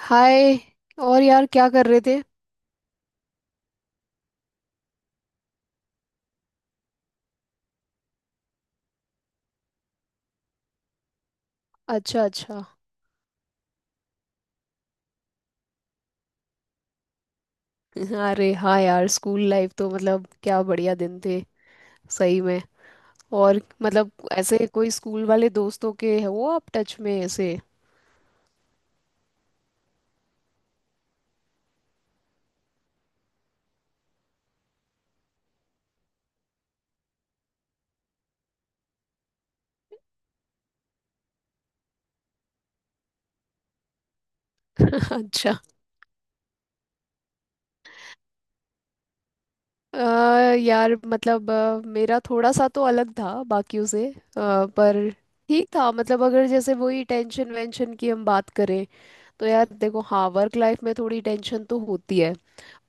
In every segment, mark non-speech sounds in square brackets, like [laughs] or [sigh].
हाय। और यार, क्या कर रहे थे? अच्छा, अच्छा। अरे हाँ यार, स्कूल लाइफ तो मतलब क्या बढ़िया दिन थे। सही में। और मतलब ऐसे कोई स्कूल वाले दोस्तों के है, वो आप टच में ऐसे? [laughs] अच्छा। अ, यार मतलब मेरा थोड़ा सा तो अलग था बाकियों से पर ठीक था। मतलब अगर जैसे वही टेंशन वेंशन की हम बात करें, तो यार देखो, हाँ वर्क लाइफ में थोड़ी टेंशन तो होती है,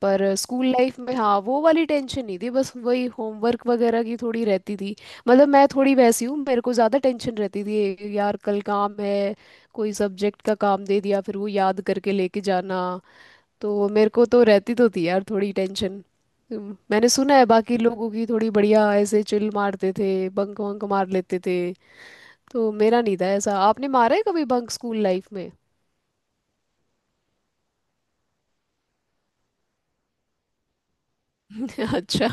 पर स्कूल लाइफ में हाँ वो वाली टेंशन नहीं थी, बस वही होमवर्क वगैरह की थोड़ी रहती थी। मतलब मैं थोड़ी वैसी हूँ, मेरे को ज़्यादा टेंशन रहती थी यार, कल काम है, कोई सब्जेक्ट का काम दे दिया, फिर वो याद करके लेके जाना। तो मेरे को तो रहती तो थी यार थोड़ी टेंशन। मैंने सुना है बाकी लोगों की थोड़ी बढ़िया ऐसे चिल मारते थे, बंक वंक मार लेते थे। तो मेरा नहीं था ऐसा। आपने मारा है कभी बंक स्कूल लाइफ में? [laughs] अच्छा,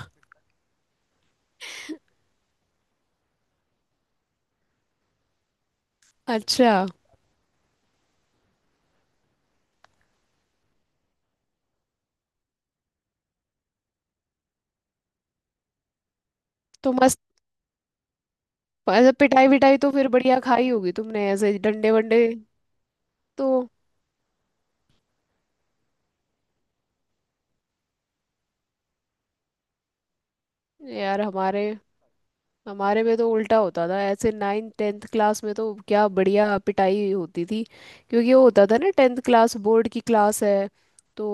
अच्छा। तो मस्त। ऐसे पिटाई विटाई तो फिर बढ़िया खाई होगी तुमने ऐसे डंडे वंडे। तो यार, हमारे हमारे में तो उल्टा होता था, ऐसे नाइन्थ टेंथ क्लास में तो क्या बढ़िया पिटाई होती थी। क्योंकि वो होता था ना, टेंथ क्लास बोर्ड की क्लास है, तो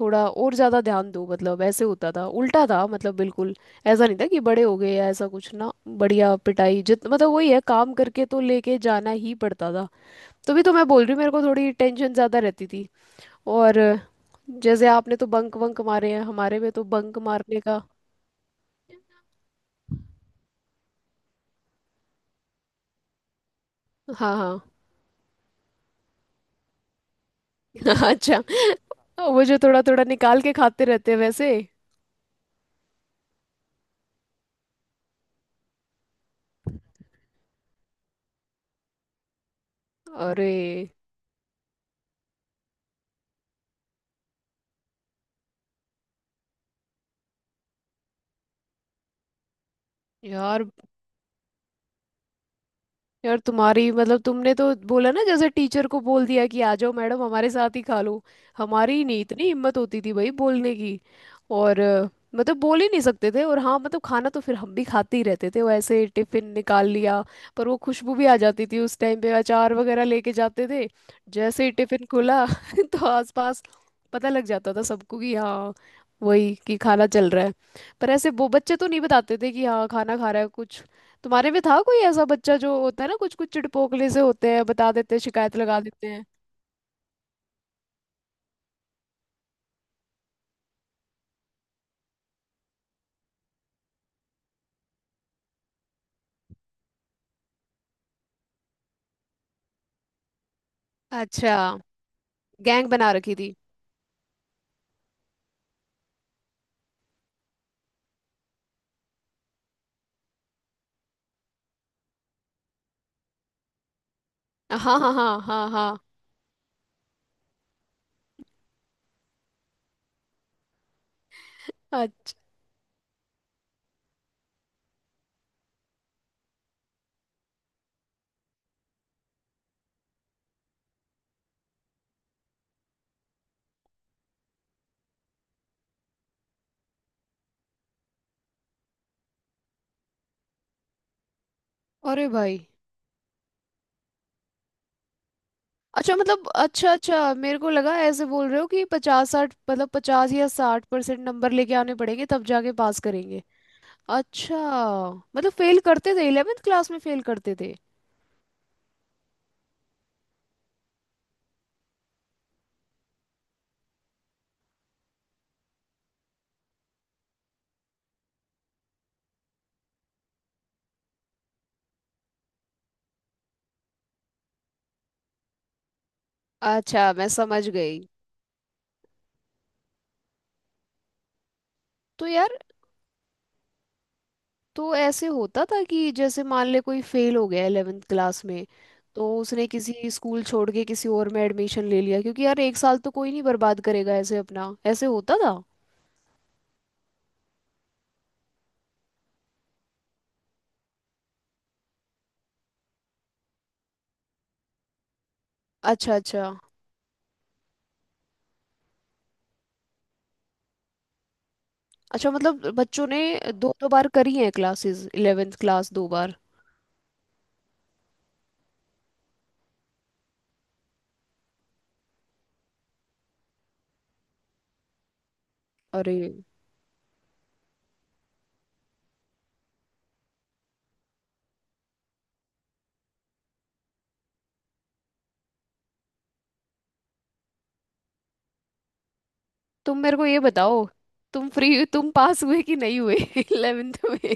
थोड़ा और ज़्यादा ध्यान दो, मतलब ऐसे होता था। उल्टा था मतलब बिल्कुल। ऐसा नहीं था कि बड़े हो गए या ऐसा कुछ, ना बढ़िया पिटाई जित, मतलब वही है काम करके तो लेके जाना ही पड़ता था। तभी तो मैं बोल रही हूँ मेरे को थोड़ी टेंशन ज़्यादा रहती थी। और जैसे आपने तो बंक वंक मारे हैं, हमारे में तो बंक मारने का। हाँ, हाँ। [laughs] अच्छा। वो जो थोड़ा थोड़ा निकाल के खाते रहते हैं वैसे। अरे यार, यार तुम्हारी मतलब तुमने तो बोला ना, जैसे टीचर को बोल दिया कि आ जाओ मैडम हमारे साथ ही खा लो। हमारी नहीं इतनी हिम्मत होती थी भाई बोलने की। और मतलब बोल ही नहीं सकते थे, और हाँ मतलब खाना तो फिर हम भी खाते ही रहते थे, वो ऐसे टिफिन निकाल लिया। पर वो खुशबू भी आ जाती थी, उस टाइम पे अचार वगैरह लेके जाते थे। जैसे ही टिफिन खुला [laughs] तो आसपास पता लग जाता था सबको कि हाँ, वही कि खाना चल रहा है। पर ऐसे वो बच्चे तो नहीं बताते थे कि हाँ खाना खा रहा है कुछ। तुम्हारे में था कोई ऐसा बच्चा जो होता है ना, कुछ कुछ चिड़पोकले से होते हैं, बता देते हैं, शिकायत लगा देते हैं? अच्छा। गैंग बना रखी थी। हाँ, हाँ, हाँ, हाँ, हाँ। अ- अरे भाई। अच्छा मतलब, अच्छा, अच्छा, मेरे को लगा ऐसे बोल रहे हो कि 50 60, मतलब 50 या 60% नंबर लेके आने पड़ेंगे, तब जाके पास करेंगे। अच्छा मतलब फेल करते थे? इलेवेंथ क्लास में फेल करते थे? अच्छा, मैं समझ गई। तो यार, तो ऐसे होता था कि जैसे मान ले कोई फेल हो गया 11th क्लास में, तो उसने किसी स्कूल छोड़ के किसी और में एडमिशन ले लिया, क्योंकि यार एक साल तो कोई नहीं बर्बाद करेगा ऐसे अपना। ऐसे होता था। अच्छा, अच्छा। अच्छा मतलब बच्चों ने दो दो बार करी है क्लासेस, 11th क्लास 2 बार? अरे तुम मेरे को ये बताओ, तुम पास हुए कि नहीं हुए [laughs] 11th में?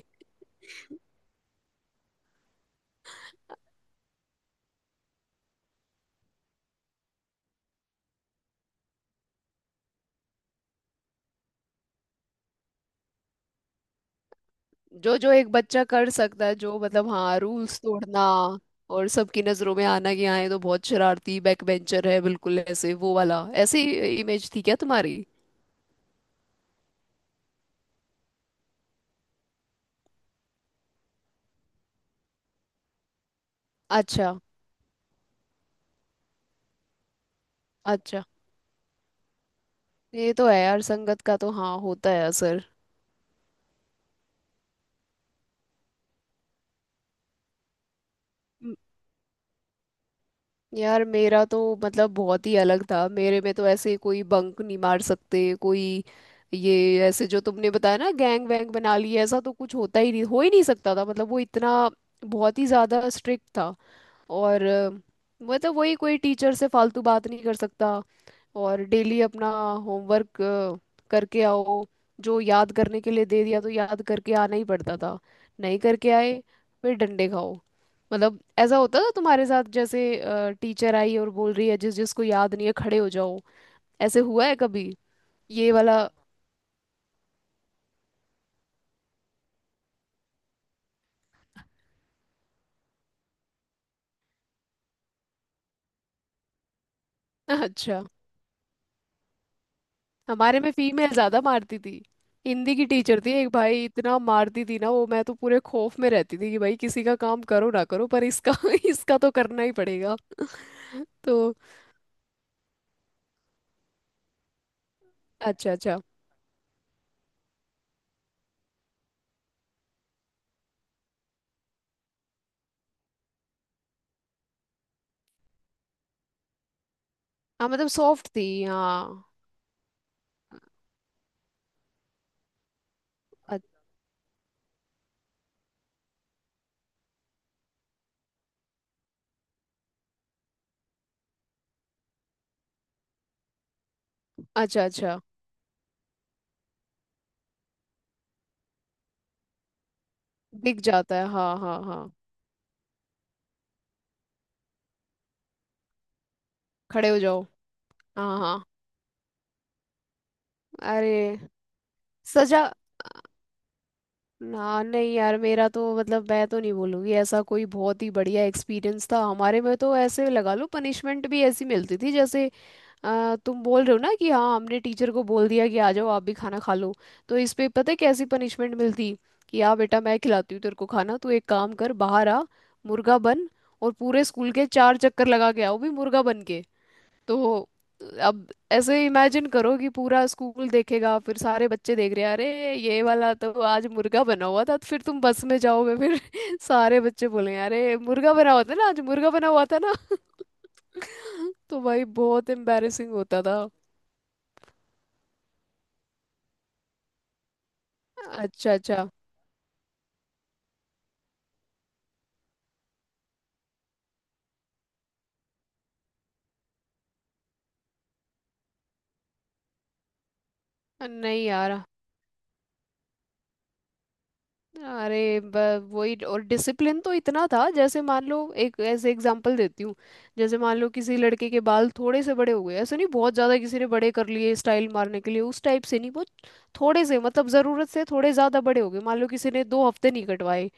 जो जो एक बच्चा कर सकता है, जो मतलब हाँ रूल्स तोड़ना, और सबकी नजरों में आना कि हाँ ये तो बहुत शरारती बैक बेंचर है, बिल्कुल ऐसे वो वाला, ऐसी इमेज थी क्या तुम्हारी? अच्छा, अच्छा। ये तो है यार, संगत का तो हाँ होता है असर। म- यार मेरा तो मतलब बहुत ही अलग था। मेरे में तो ऐसे कोई बंक नहीं मार सकते कोई, ये ऐसे जो तुमने बताया ना गैंग वैंग बना ली, ऐसा तो कुछ होता ही नहीं, हो ही नहीं सकता था। मतलब वो इतना बहुत ही ज्यादा स्ट्रिक्ट था। और मतलब वही कोई टीचर से फालतू बात नहीं कर सकता, और डेली अपना होमवर्क करके आओ। जो याद करने के लिए दे दिया तो याद करके आना ही पड़ता था, नहीं करके आए फिर डंडे खाओ। मतलब ऐसा होता था तुम्हारे साथ जैसे, टीचर आई और बोल रही है जिस जिसको याद नहीं है खड़े हो जाओ, ऐसे हुआ है कभी, ये वाला? [laughs] अच्छा। हमारे में फीमेल ज्यादा मारती थी, हिंदी की टीचर थी एक भाई, इतना मारती थी ना वो, मैं तो पूरे खौफ में रहती थी कि भाई किसी का काम करो ना करो पर इसका [laughs] इसका तो करना ही पड़ेगा। तो अच्छा, अच्छा। हाँ मतलब सॉफ्ट थी, हाँ। अ- अच्छा, अच्छा। दिख जाता है हाँ, हाँ, हाँ। खड़े हो जाओ। हाँ, हाँ। अरे सजा। ना नहीं यार, मेरा तो मतलब मैं तो नहीं बोलूंगी ऐसा कोई बहुत ही बढ़िया एक्सपीरियंस था। हमारे में तो ऐसे लगा लो, पनिशमेंट भी ऐसी मिलती थी जैसे, तुम बोल रहे हो ना कि हाँ हमने टीचर को बोल दिया कि आ जाओ आप भी खाना खा लो, तो इस पे पता है कैसी पनिशमेंट मिलती? कि आ बेटा, मैं खिलाती हूँ तेरे को खाना, तू एक काम कर बाहर आ, मुर्गा बन और पूरे स्कूल के 4 चक्कर लगा के आओ भी मुर्गा बन के। तो अब ऐसे इमेजिन करो कि पूरा स्कूल देखेगा, फिर सारे बच्चे देख रहे हैं अरे ये वाला तो आज मुर्गा बना हुआ था, तो फिर तुम बस में जाओगे फिर [laughs] सारे बच्चे बोलेंगे अरे मुर्गा बना हुआ था ना, आज मुर्गा बना हुआ था ना। [laughs] [laughs] तो भाई बहुत एम्बैरेसिंग होता था। अच्छा, अच्छा। नहीं यार, अरे वही, और डिसिप्लिन तो इतना था जैसे मान लो, एक ऐसे एग्जांपल देती हूँ। जैसे मान लो किसी लड़के के बाल थोड़े से बड़े हो गए, ऐसे नहीं बहुत ज़्यादा किसी ने बड़े कर लिए स्टाइल मारने के लिए उस टाइप से नहीं, बहुत थोड़े से मतलब, ज़रूरत से थोड़े ज़्यादा बड़े हो गए, मान लो किसी ने 2 हफ्ते नहीं कटवाए,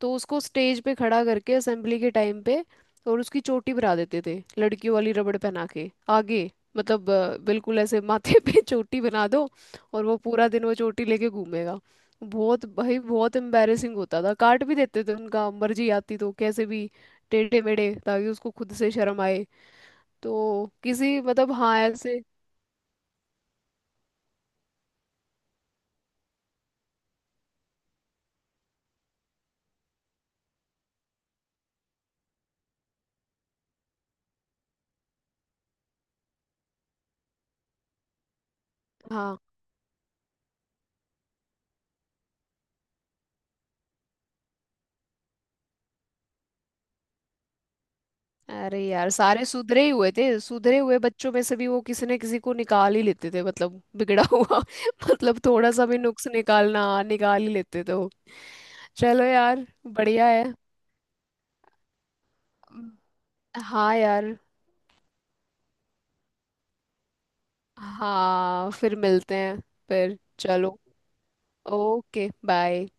तो उसको स्टेज पे खड़ा करके असेंबली के टाइम पे और उसकी चोटी भरा देते थे, लड़कियों वाली रबड़ पहना के आगे। मतलब बिल्कुल ऐसे माथे पे [laughs] चोटी बना दो, और वो पूरा दिन वो चोटी लेके घूमेगा। बहुत भाई बहुत एम्बैरेसिंग होता था। काट भी देते थे उनका मर्जी आती तो, कैसे भी टेढ़े मेढ़े, ताकि उसको खुद से शर्म आए। तो किसी मतलब हाँ, ऐसे। हाँ। अरे यार, सारे सुधरे ही हुए थे, सुधरे हुए बच्चों में से भी वो किसी न किसी को निकाल ही लेते थे मतलब, बिगड़ा हुआ [laughs] मतलब थोड़ा सा भी नुक्स निकालना निकाल ही लेते थे वो। चलो यार, बढ़िया है। हाँ यार। हाँ फिर मिलते हैं। फिर चलो, ओके बाय।